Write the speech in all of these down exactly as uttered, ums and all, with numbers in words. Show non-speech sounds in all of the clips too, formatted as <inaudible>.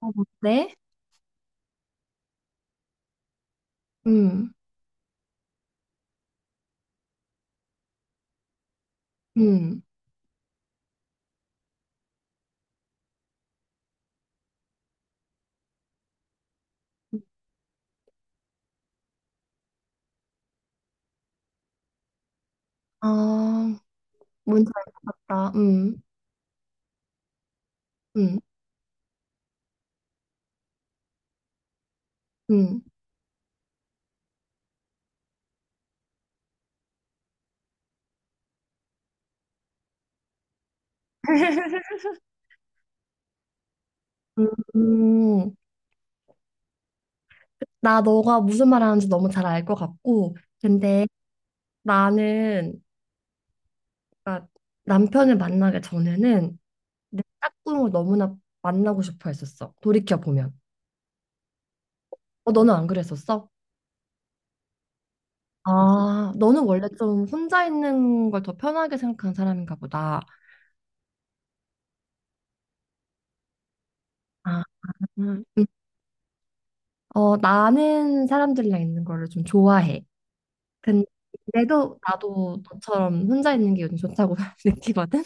어, 네? 음, 음. 아, 뭔지 알 것 같다. 음, 음, 음. <laughs> 음, 나 너가 무슨 말 하는지 너무 잘 알 것 같고, 근데 나는, 그러니까 남편을 만나기 전에는 내 짝꿍을 너무나 만나고 싶어 했었어. 돌이켜보면. 어, 너는 안 그랬었어? 아, 너는 원래 좀 혼자 있는 걸 더 편하게 생각하는 사람인가 보다. 아, 음. 어, 나는 사람들이랑 있는 거를 좀 좋아해. 근데도 나도 너처럼 혼자 있는 게 요즘 좋다고 <laughs> 느끼거든.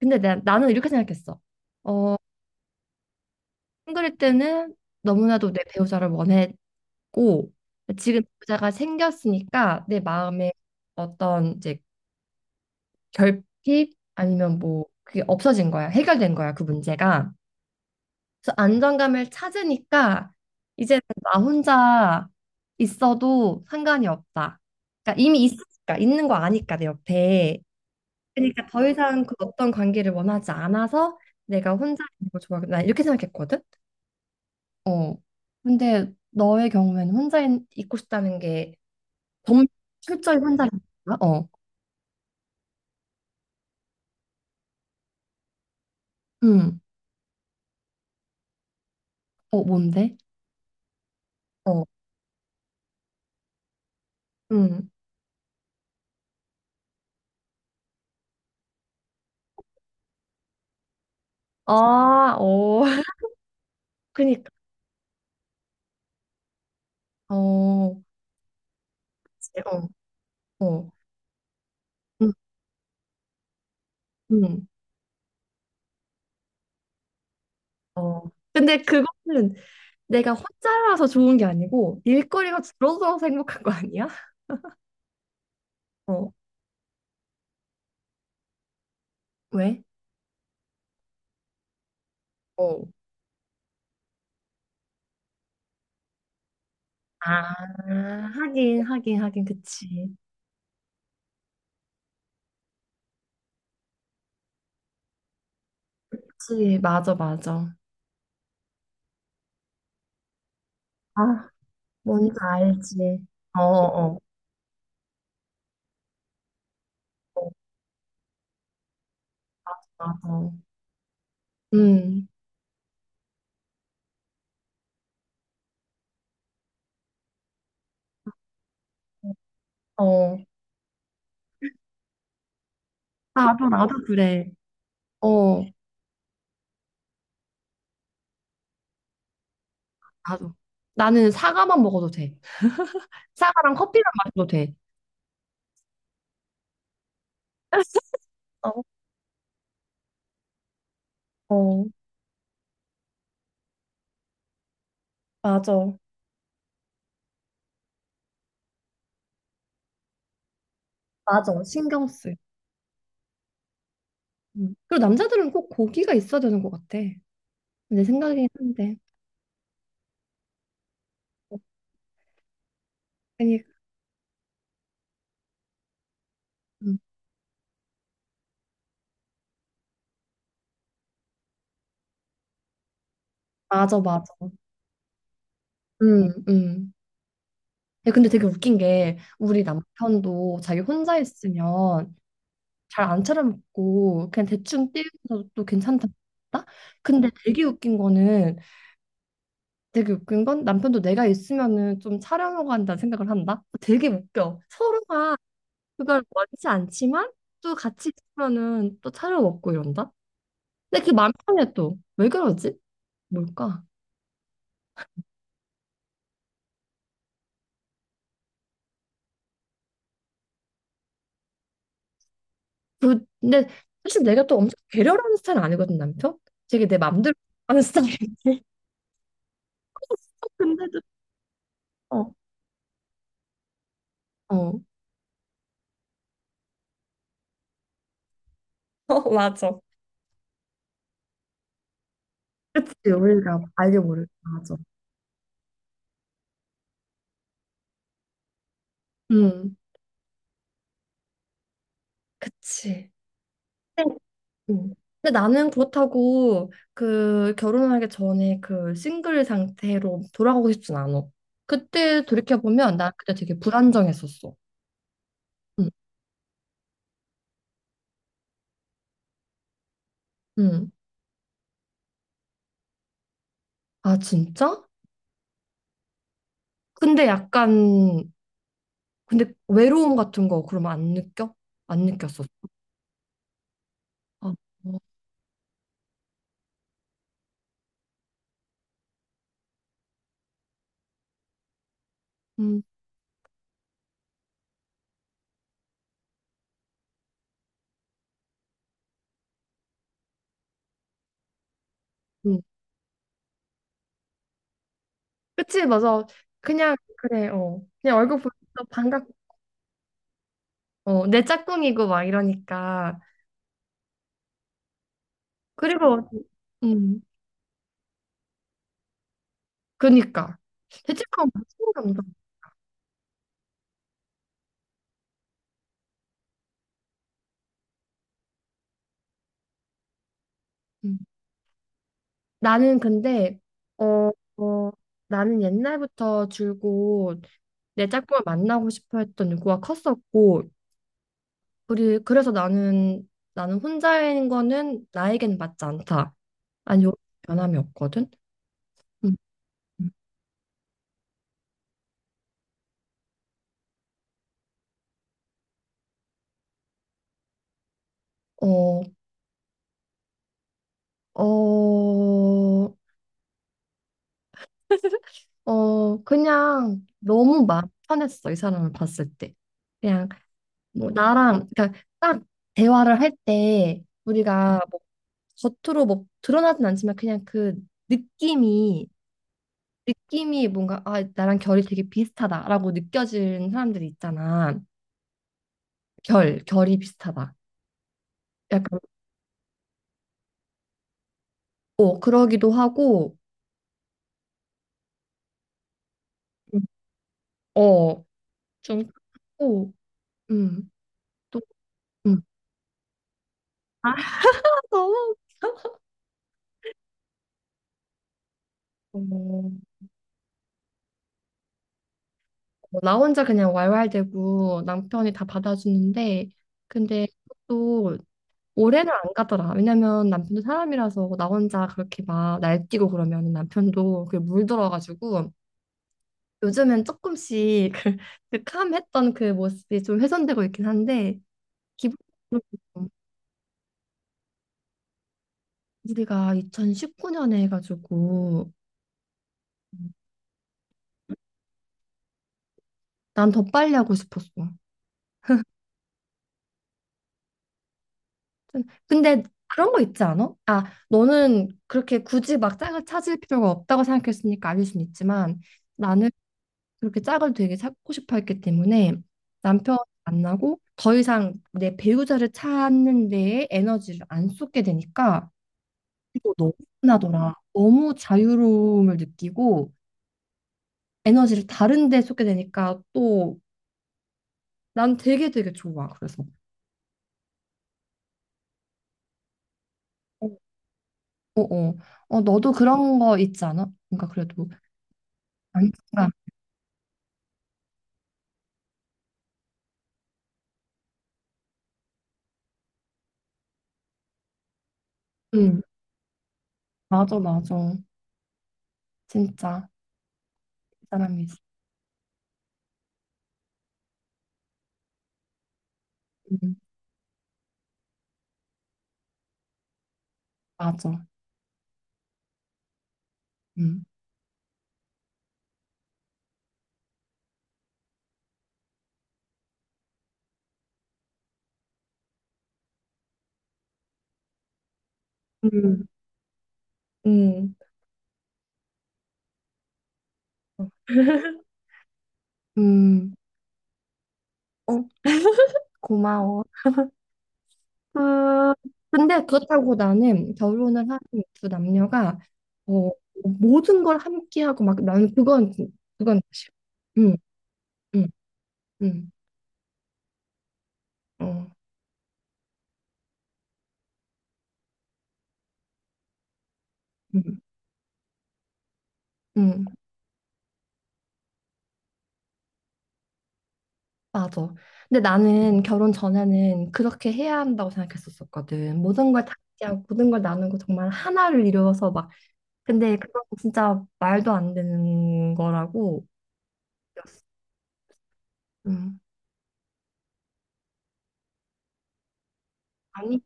근데 나, 나는 이렇게 생각했어. 어, 싱글일 때는 너무나도 내 배우자를 원했고 지금 배우자가 생겼으니까 내 마음에 어떤 이제 결핍 아니면 뭐 그게 없어진 거야. 해결된 거야, 그 문제가. 그래서 안정감을 찾으니까 이제는 나 혼자 있어도 상관이 없다. 그러니까 이미 있으니까 있는 거 아니까 내 옆에. 그러니까 더 이상 그 어떤 관계를 원하지 않아서 내가 혼자 있는 걸 좋아하겠다. 나 이렇게 생각했거든. 어. 근데 너의 경우에는 혼자 있, 고 싶다는 게 정말 철저히 혼자라는 거야? 어. 음. 어, 뭔데? 어. 음. 아, 어. <laughs> 그니까. 어. 그치. 어. 어. 음. 음. 어. 근데 그거는 내가 혼자라서 좋은 게 아니고 일거리가 줄어들어서 행복한 거 아니야? 어. 왜? 어. 아, 하긴, 하긴, 하긴, 그치. 그치, 맞아, 맞아. 아, 뭔지 알지. 어, 어, 어, 맞아. 음, 어. 나도, 나도 그래. 어, 나도. 나는 사과만 먹어도 돼. 사과랑 커피만 마셔도 돼. <laughs> 어, 어, 맞아. 맞아, 신경 쓰. 음. 그리고 남자들은 꼭 고기가 있어야 되는 것 같아. 내 생각이긴 한데. 그러니까, 음. 맞아, 맞아. 음, 음. 예, 근데 되게 웃긴 게 우리 남편도 자기 혼자 있으면 잘 안 차려먹고 그냥 대충 띄우면서도 괜찮다. 근데 되게 웃긴 거는 되게 웃긴 건 남편도 내가 있으면은 좀 차려먹어 한다는 생각을 한다. 되게 웃겨. 서로가 그걸 원치 않지만 또 같이 있으면은 또 차려먹고 이런다. 근데 그게 마음 편해 또. 왜 그러지? 뭘까? 그- 근데 사실 내가 또 엄청 배려하는 스타일은 아니거든 남편. 되게 내 맘대로 하는 스타일인데. <laughs> 근데도 어, 어, <laughs> 어, 맞아. 그치, 우리가 알게 모르게 맞아. 음, 그치. 근데 음. 근데 나는 그렇다고 그 결혼하기 전에 그 싱글 상태로 돌아가고 싶진 않아. 그때 돌이켜보면 나 그때 되게 불안정했었어. 응 응 아, 진짜? 근데 약간, 근데 외로움 같은 거 그러면 안 느껴? 안 느꼈었어. 아, 어, 음, 음. 그치, 맞아. 그냥, 그래, 어. 그냥 얼굴 보면서 반갑 어, 내 짝꿍이고 막 이러니까. 그리고, 음, 그니까. 죄책감 무슨 감정? 음. 나는 근데, 어, 어, 나는 옛날부터 줄곧 내 짝꿍을 만나고 싶어 했던 욕구가 컸었고, 그리, 그래서 나는, 나는 혼자인 거는 나에겐 맞지 않다. 아니, 요 변함이 없거든? 음. 어, 어, 어, 그냥 너무 마음 편했어, 이 사람을 봤을 때. 그냥 뭐 나랑 그러니까 딱 대화를 할 때 우리가 뭐 겉으로 뭐 드러나진 않지만 그냥 그 느낌이 느낌이 뭔가 아 나랑 결이 되게 비슷하다라고 느껴지는 사람들이 있잖아. 결 결이 비슷하다. 약간 어 그러기도 하고 어좀 하고 음또 음. 아, <laughs> 너무 웃겨. 어, 어, 나 혼자 그냥 왈왈대고 남편이 다 받아주는데 근데 또 오래는 안 가더라. 왜냐면 남편도 사람이라서 나 혼자 그렇게 막 날뛰고 그러면 남편도 그게 물들어가지고 요즘엔 조금씩 <laughs> 그, 그 캄했던 그 모습이 좀 훼손되고 있긴 한데 기본적으로 우리가 이천십구 년에 해가지고 난 더 빨리 하고 싶었어. 근데 그런 거 있지 않아? 아, 너는 그렇게 굳이 막 짝을 찾을 필요가 없다고 생각했으니까 아닐 순 있지만 나는 그렇게 짝을 되게 찾고 싶어 했기 때문에 남편을 만나고 더 이상 내 배우자를 찾는 데에 에너지를 안 쏟게 되니까 이거 너무 편하더라. 너무 자유로움을 느끼고 에너지를 다른 데 쏟게 되니까 또 난 되게 되게 좋아. 그래서 어, 어, 어. 어, 너도 그런 거 있지 않아? 뭔가 그래도 안정감. 응, 맞아, 맞아. 진짜 그 사람이 있어. 응, 맞아. 응, 응 응, 응 어, 고마워. 그, 근데 그렇다고 나는 결혼을 한 두 남녀가 어, 모든 걸 함께 하고 막 나는 그건 그건 싫어. 응, 응, 응, 어, 응, 응, 맞아. 근데 나는 결혼 전에는 그렇게 해야 한다고 생각했었었거든. 모든 걸 다 함께하고 모든 걸 나누고 정말 하나를 이루어서 막. 근데 그건 진짜 말도 안 되는 거라고. 음. 아니야.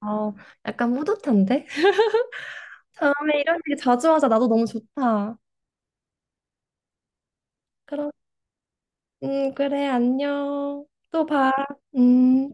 어, 약간 뿌듯한데? 다음에 이런 얘기 자주 하자. 나도 너무 좋다. 그럼, 음, 그래, 안녕. 또 봐. 음.